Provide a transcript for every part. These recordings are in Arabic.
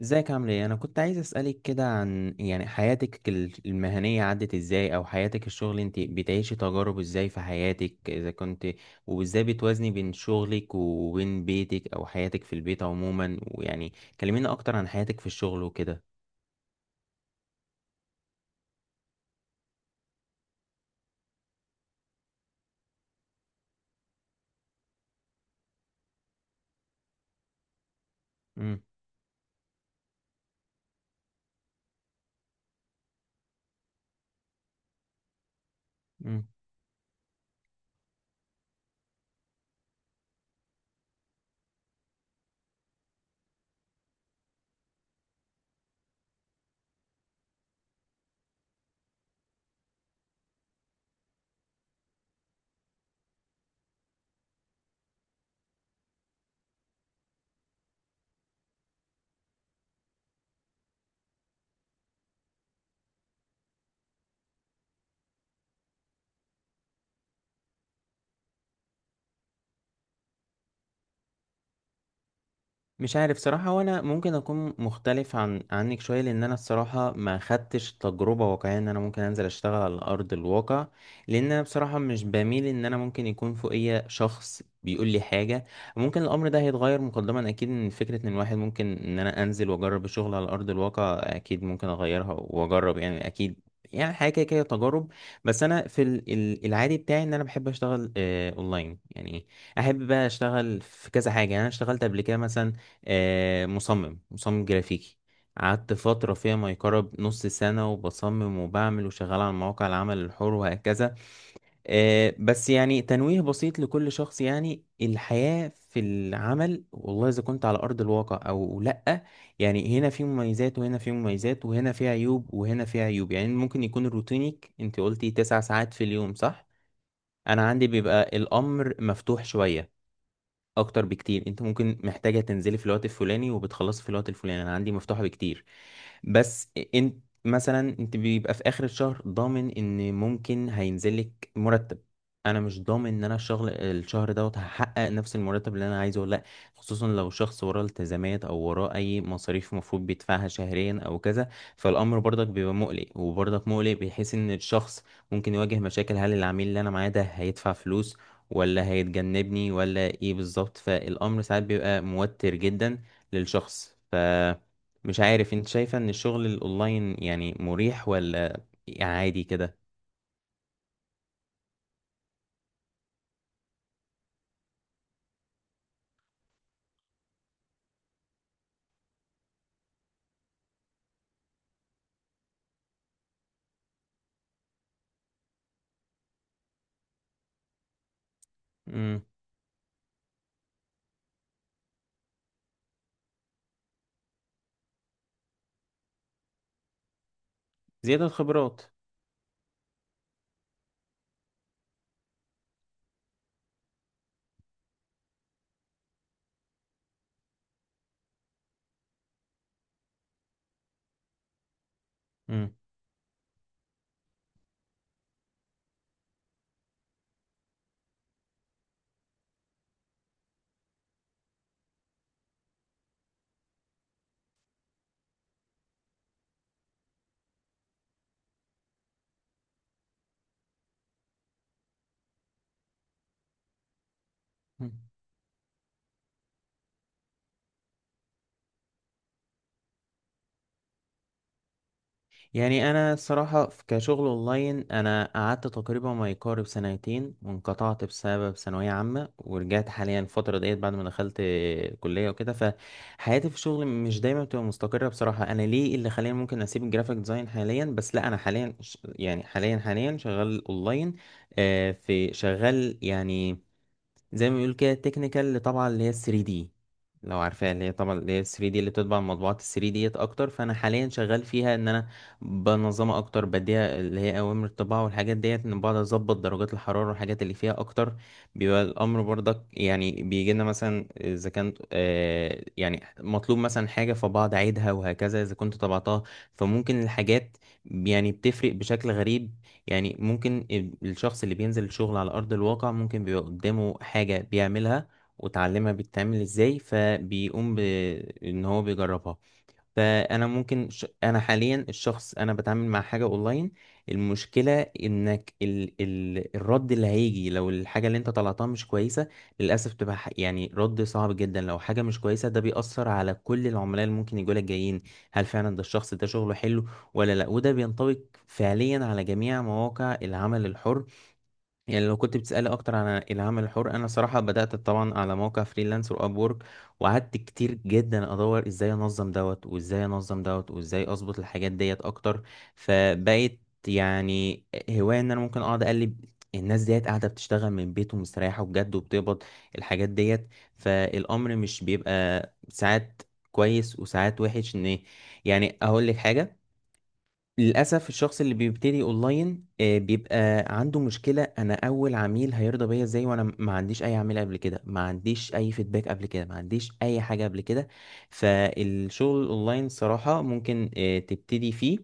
ازيك عامل ايه؟ انا كنت عايز اسالك كده عن يعني حياتك المهنيه عدت ازاي، او حياتك الشغل انت بتعيشي تجارب ازاي في حياتك اذا كنت، وازاي بتوازني بين شغلك وبين بيتك او حياتك في البيت عموما، ويعني كلمينا اكتر عن حياتك في الشغل وكده. امم امم. مش عارف صراحة، وانا ممكن اكون مختلف عنك شوية، لان انا الصراحة ما خدتش تجربة واقعية ان انا ممكن انزل اشتغل على ارض الواقع، لان انا بصراحة مش بميل ان انا ممكن يكون فوقيا شخص بيقول لي حاجة. ممكن الامر ده هيتغير مقدما اكيد، ان فكرة ان الواحد ممكن ان انا انزل واجرب الشغل على ارض الواقع اكيد ممكن اغيرها واجرب، يعني اكيد يعني حاجة كده كده تجارب. بس أنا في العادي بتاعي إن أنا بحب أشتغل أونلاين يعني. أحب بقى أشتغل في كذا حاجة، يعني أنا اشتغلت قبل كده مثلا مصمم جرافيكي، قعدت فترة فيها ما يقرب نص سنة، وبصمم وبعمل وشغال على مواقع العمل الحر وهكذا. بس يعني تنويه بسيط لكل شخص، يعني الحياة في العمل والله إذا كنت على أرض الواقع أو لأ، يعني هنا في مميزات وهنا في مميزات، وهنا في عيوب وهنا في عيوب، يعني ممكن يكون روتينك، أنت قلتي تسع ساعات في اليوم صح؟ أنا عندي بيبقى الأمر مفتوح شوية اكتر بكتير، انت ممكن محتاجه تنزلي في الوقت الفلاني وبتخلصي في الوقت الفلاني، انا عندي مفتوحه بكتير. بس انت مثلا انت بيبقى في اخر الشهر ضامن ان ممكن هينزلك مرتب، انا مش ضامن ان انا الشغل الشهر دوت هحقق نفس المرتب اللي انا عايزه ولا لا. خصوصا لو شخص وراه التزامات او وراه اي مصاريف مفروض بيدفعها شهريا او كذا، فالامر برضك بيبقى مقلق، وبرضك مقلق بحيث ان الشخص ممكن يواجه مشاكل. هل العميل اللي انا معاه ده هيدفع فلوس ولا هيتجنبني ولا ايه بالظبط؟ فالامر ساعات بيبقى موتر جدا للشخص. مش عارف انت شايفة ان الشغل الاونلاين يعني مريح، ولا عادي كده؟ امم. زيادة الخبرات. امم. يعني انا الصراحة كشغل اونلاين انا قعدت تقريبا ما يقارب سنتين وانقطعت بسبب ثانوية عامة، ورجعت حاليا الفترة ديت بعد ما دخلت كلية وكده. فحياتي في الشغل مش دايما بتبقى مستقرة بصراحة، انا ليه اللي خلاني ممكن اسيب الجرافيك ديزاين حاليا، بس لا انا حاليا يعني حاليا شغال اونلاين. في شغال يعني زي ما بيقول كده التكنيكال، اللي طبعا اللي هي 3 دي، لو عارفاها اللي هي طبعا اللي هي 3 دي اللي بتطبع المطبوعات 3 ديت اكتر. فانا حاليا شغال فيها ان انا بنظمها اكتر، بديها اللي هي اوامر الطباعه والحاجات ديت، ان بقعد اظبط درجات الحراره والحاجات اللي فيها اكتر. بيبقى الامر برضك يعني بيجي لنا مثلا اذا كان يعني مطلوب مثلا حاجه، فبقعد اعيدها وهكذا اذا كنت طبعتها. فممكن الحاجات يعني بتفرق بشكل غريب، يعني ممكن الشخص اللي بينزل الشغل على أرض الواقع ممكن بيبقى قدامه حاجة بيعملها وتعلمها بتتعمل ازاي، فبيقوم بإن هو بيجربها. انا حاليا الشخص انا بتعامل مع حاجه اونلاين، المشكله انك الرد اللي هيجي لو الحاجه اللي انت طلعتها مش كويسه، للاسف تبقى يعني رد صعب جدا. لو حاجه مش كويسه ده بيأثر على كل العملاء اللي ممكن يجوا لك جايين، هل فعلا ده الشخص ده شغله حلو ولا لا؟ وده بينطبق فعليا على جميع مواقع العمل الحر. يعني لو كنت بتسألي أكتر عن العمل الحر، أنا صراحة بدأت طبعا على موقع فريلانس وأب وورك، وقعدت كتير جدا أدور إزاي أنظم دوت وإزاي أنظم دوت وإزاي أظبط الحاجات ديت أكتر. فبقيت يعني هواية إن أنا ممكن أقعد أقلب، الناس ديت قاعدة بتشتغل من بيت ومستريحة بجد وبتقبض الحاجات ديت. فالأمر مش بيبقى ساعات كويس وساعات وحش، إن يعني أقول لك حاجة، للأسف الشخص اللي بيبتدي أونلاين بيبقى عنده مشكلة، أنا أول عميل هيرضى بيا إزاي وأنا ما عنديش أي عميل قبل كده، ما عنديش أي فيدباك قبل كده، ما عنديش أي حاجة قبل كده. فالشغل الأونلاين صراحة ممكن تبتدي فيه،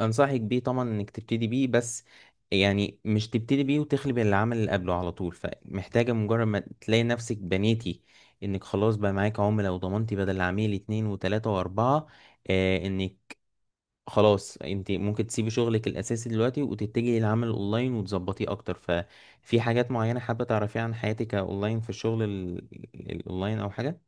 أنصحك بيه طبعا إنك تبتدي بيه، بس يعني مش تبتدي بيه وتخلي بالعمل اللي قبله على طول، فمحتاجة مجرد ما تلاقي نفسك بنيتي إنك خلاص بقى معاك عملاء وضمنتي بدل عميل اتنين وتلاتة وأربعة، انك خلاص انت ممكن تسيبي شغلك الاساسي دلوقتي وتتجهي للعمل الاونلاين وتظبطيه اكتر. ففي حاجات معينة حابة تعرفيها عن حياتك اونلاين في الشغل الاونلاين او حاجة؟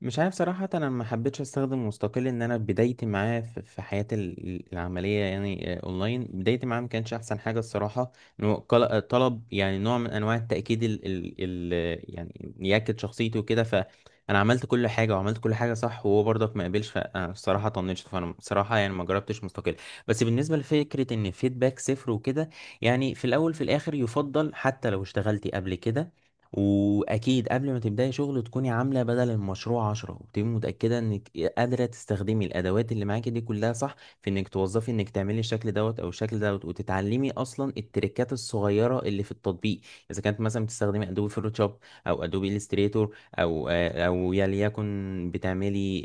مش عارف صراحة، أنا ما حبيتش أستخدم مستقل، إن أنا بدايتي معاه في حياتي العملية يعني أونلاين، بدايتي معاه ما كانش أحسن حاجة الصراحة. إنه طلب يعني نوع من أنواع التأكيد ال ال ال يعني يأكد شخصيته وكده. فأنا عملت كل حاجة وعملت كل حاجة صح، وهو برضك ما قبلش، فأنا الصراحة طنشت، فأنا الصراحة يعني ما جربتش مستقل. بس بالنسبة لفكرة إن فيدباك صفر وكده، يعني في الأول في الآخر يفضل حتى لو اشتغلتي قبل كده، واكيد قبل ما تبداي شغل تكوني عامله بدل المشروع عشرة، وتبقي متاكده انك قادره تستخدمي الادوات اللي معاكي دي كلها صح، في انك توظفي انك تعملي الشكل دوت او الشكل دوت، وتتعلمي اصلا التريكات الصغيره اللي في التطبيق. اذا كانت مثلا بتستخدمي ادوبي فوتوشوب او ادوبي الستريتور او يا ليكن بتعملي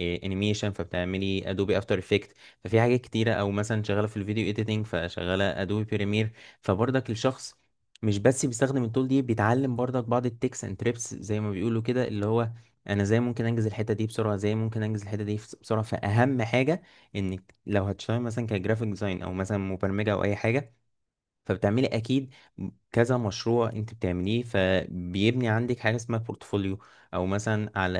انيميشن فبتعملي ادوبي افتر افكت، ففي حاجات كتيره، او مثلا شغاله في الفيديو اديتنج فشغاله ادوبي بريمير. فبرضك الشخص مش بس بيستخدم التول دي، بيتعلم برضك بعض التكس اند تريبس زي ما بيقولوا كده، اللي هو انا ازاي ممكن انجز الحته دي بسرعه، ازاي ممكن انجز الحته دي بسرعه. فاهم حاجه، انك لو هتشتغل مثلا كجرافيك ديزاين او مثلا مبرمجه او اي حاجه، فبتعملي اكيد كذا مشروع انت بتعمليه، فبيبني عندك حاجه اسمها بورتفوليو، او مثلا على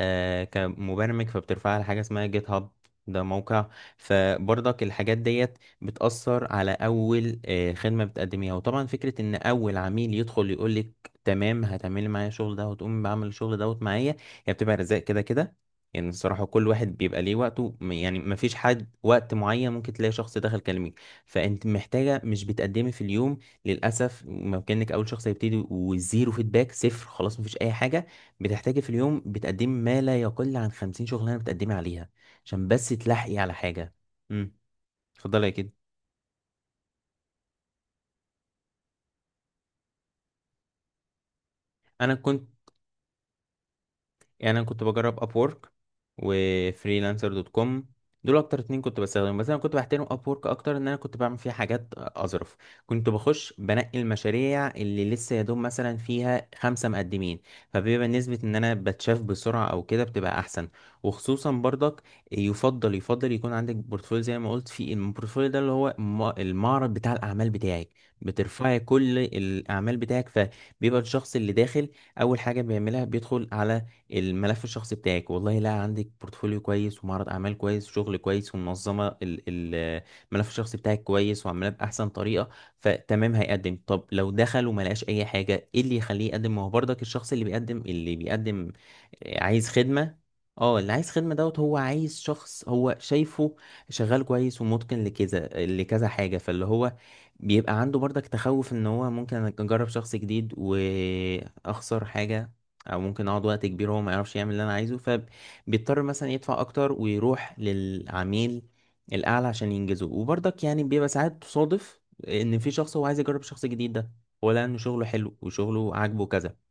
كمبرمج فبترفعي على حاجه اسمها جيت هاب، ده موقع. فبرضك الحاجات ديت بتأثر على أول خدمة بتقدميها. وطبعا فكرة إن أول عميل يدخل يقولك تمام هتعملي معايا الشغل ده وتقومي بعمل الشغل دوت معايا، هي بتبقى رزق كده كده. يعني الصراحة كل واحد بيبقى ليه وقته، يعني مفيش حد وقت معين، ممكن تلاقي شخص دخل كلمك، فأنت محتاجة مش بتقدمي في اليوم. للاسف ما كانك اول شخص هيبتدي وزيرو فيدباك صفر، خلاص مفيش اي حاجه، بتحتاجي في اليوم بتقدمي ما لا يقل عن 50 شغلانه بتقدمي عليها عشان بس تلحقي على حاجه. امم. اتفضلي يا كده. انا كنت انا كنت بجرب ابورك وفريلانسر دوت كوم، دول اكتر اتنين كنت بستخدمهم، بس انا كنت بحترم ابورك اكتر ان انا كنت بعمل فيها حاجات اظرف. كنت بخش بنقي المشاريع اللي لسه يا دوب مثلا فيها خمسة مقدمين، فبيبقى نسبة ان انا بتشاف بسرعة او كده بتبقى احسن. وخصوصا برضك يفضل يكون عندك بورتفوليو، زي ما قلت في البورتفوليو ده اللي هو المعرض بتاع الاعمال بتاعك، بترفعي كل الاعمال بتاعك، فبيبقى الشخص اللي داخل اول حاجه بيعملها بيدخل على الملف الشخصي بتاعك، والله لا عندك بورتفوليو كويس ومعرض اعمال كويس وشغل كويس ومنظمه الملف الشخصي بتاعك كويس وعاملاه باحسن طريقه، فتمام هيقدم. طب لو دخل وما لقاش اي حاجه ايه اللي يخليه يقدم؟ ما هو برضك الشخص اللي بيقدم عايز خدمه. اه اللي عايز خدمه دوت هو عايز شخص هو شايفه شغال كويس ومتقن لكذا لكذا حاجه، فاللي هو بيبقى عنده برضك تخوف ان هو ممكن اجرب شخص جديد واخسر حاجه، او ممكن اقعد وقت كبير وهو ما يعرفش يعمل اللي انا عايزه، فبيضطر مثلا يدفع اكتر ويروح للعميل الاعلى عشان ينجزه. وبرضك يعني بيبقى ساعات تصادف ان في شخص هو عايز يجرب شخص جديد ده، هو لقى ان شغله حلو وشغله عاجبه كذا.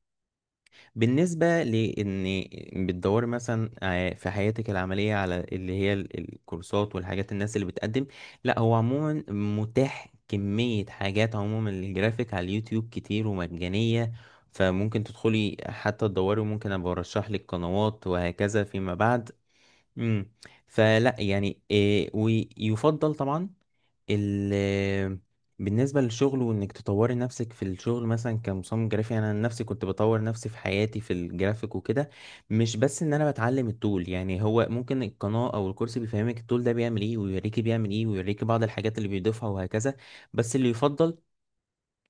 بالنسبة لإن بتدوري مثلا في حياتك العملية على اللي هي الكورسات والحاجات الناس اللي بتقدم، لا هو عموما متاح كمية حاجات، عموما الجرافيك على اليوتيوب كتير ومجانية، فممكن تدخلي حتى تدوري، وممكن أبقى أرشح لك قنوات وهكذا فيما بعد. امم. فلا يعني إيه، ويفضل طبعا ال بالنسبة للشغل وانك تطوري نفسك في الشغل مثلا كمصمم جرافي، انا عن نفسي كنت بطور نفسي في حياتي في الجرافيك وكده، مش بس ان انا بتعلم التول، يعني هو ممكن القناة او الكورس بيفهمك التول ده بيعمل ايه ويوريكي بيعمل ايه ويوريكي بعض الحاجات اللي بيضيفها وهكذا. بس اللي يفضل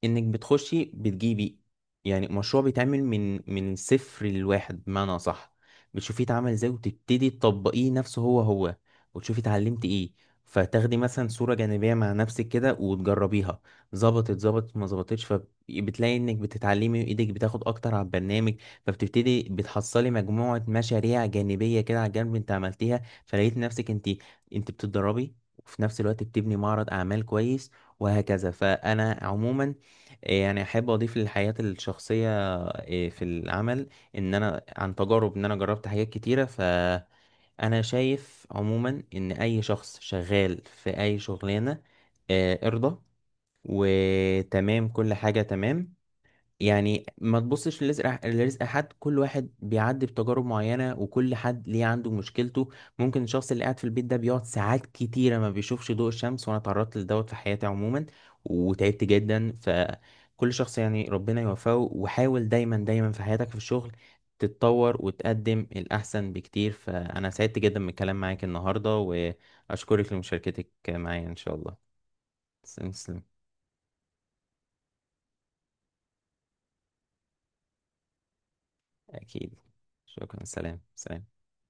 انك بتخشي بتجيبي يعني مشروع بيتعمل من صفر لواحد بمعنى صح، بتشوفيه اتعمل ازاي وتبتدي تطبقيه نفسه هو، وتشوفي اتعلمت ايه. فتاخدي مثلا صورة جانبية مع نفسك كده وتجربيها، ظبطت ما ظبطتش، فبتلاقي انك بتتعلمي وايدك بتاخد اكتر على البرنامج. فبتبتدي بتحصلي مجموعة مشاريع جانبية كده على الجنب انت عملتيها، فلقيت نفسك انت انت بتتدربي وفي نفس الوقت بتبني معرض اعمال كويس وهكذا. فانا عموما إيه يعني احب اضيف للحياة الشخصية في العمل، ان انا عن تجارب ان انا جربت حاجات كتيرة، فانا شايف عموما ان اي شخص شغال في اي شغلانة ارضى وتمام كل حاجة تمام. يعني ما تبصش لرزق حد، كل واحد بيعدي بتجارب معينة وكل حد ليه عنده مشكلته. ممكن الشخص اللي قاعد في البيت ده بيقعد ساعات كتيرة ما بيشوفش ضوء الشمس، وانا اتعرضت لدوت في حياتي عموما وتعبت جدا. فكل شخص يعني ربنا يوفقه، وحاول دايما دايما في حياتك في الشغل تتطور وتقدم الأحسن بكتير. فأنا سعدت جدا بالكلام معاك النهاردة وأشكرك لمشاركتك معايا إن شاء الله. تسلم. أكيد. شكرا، سلام سلام.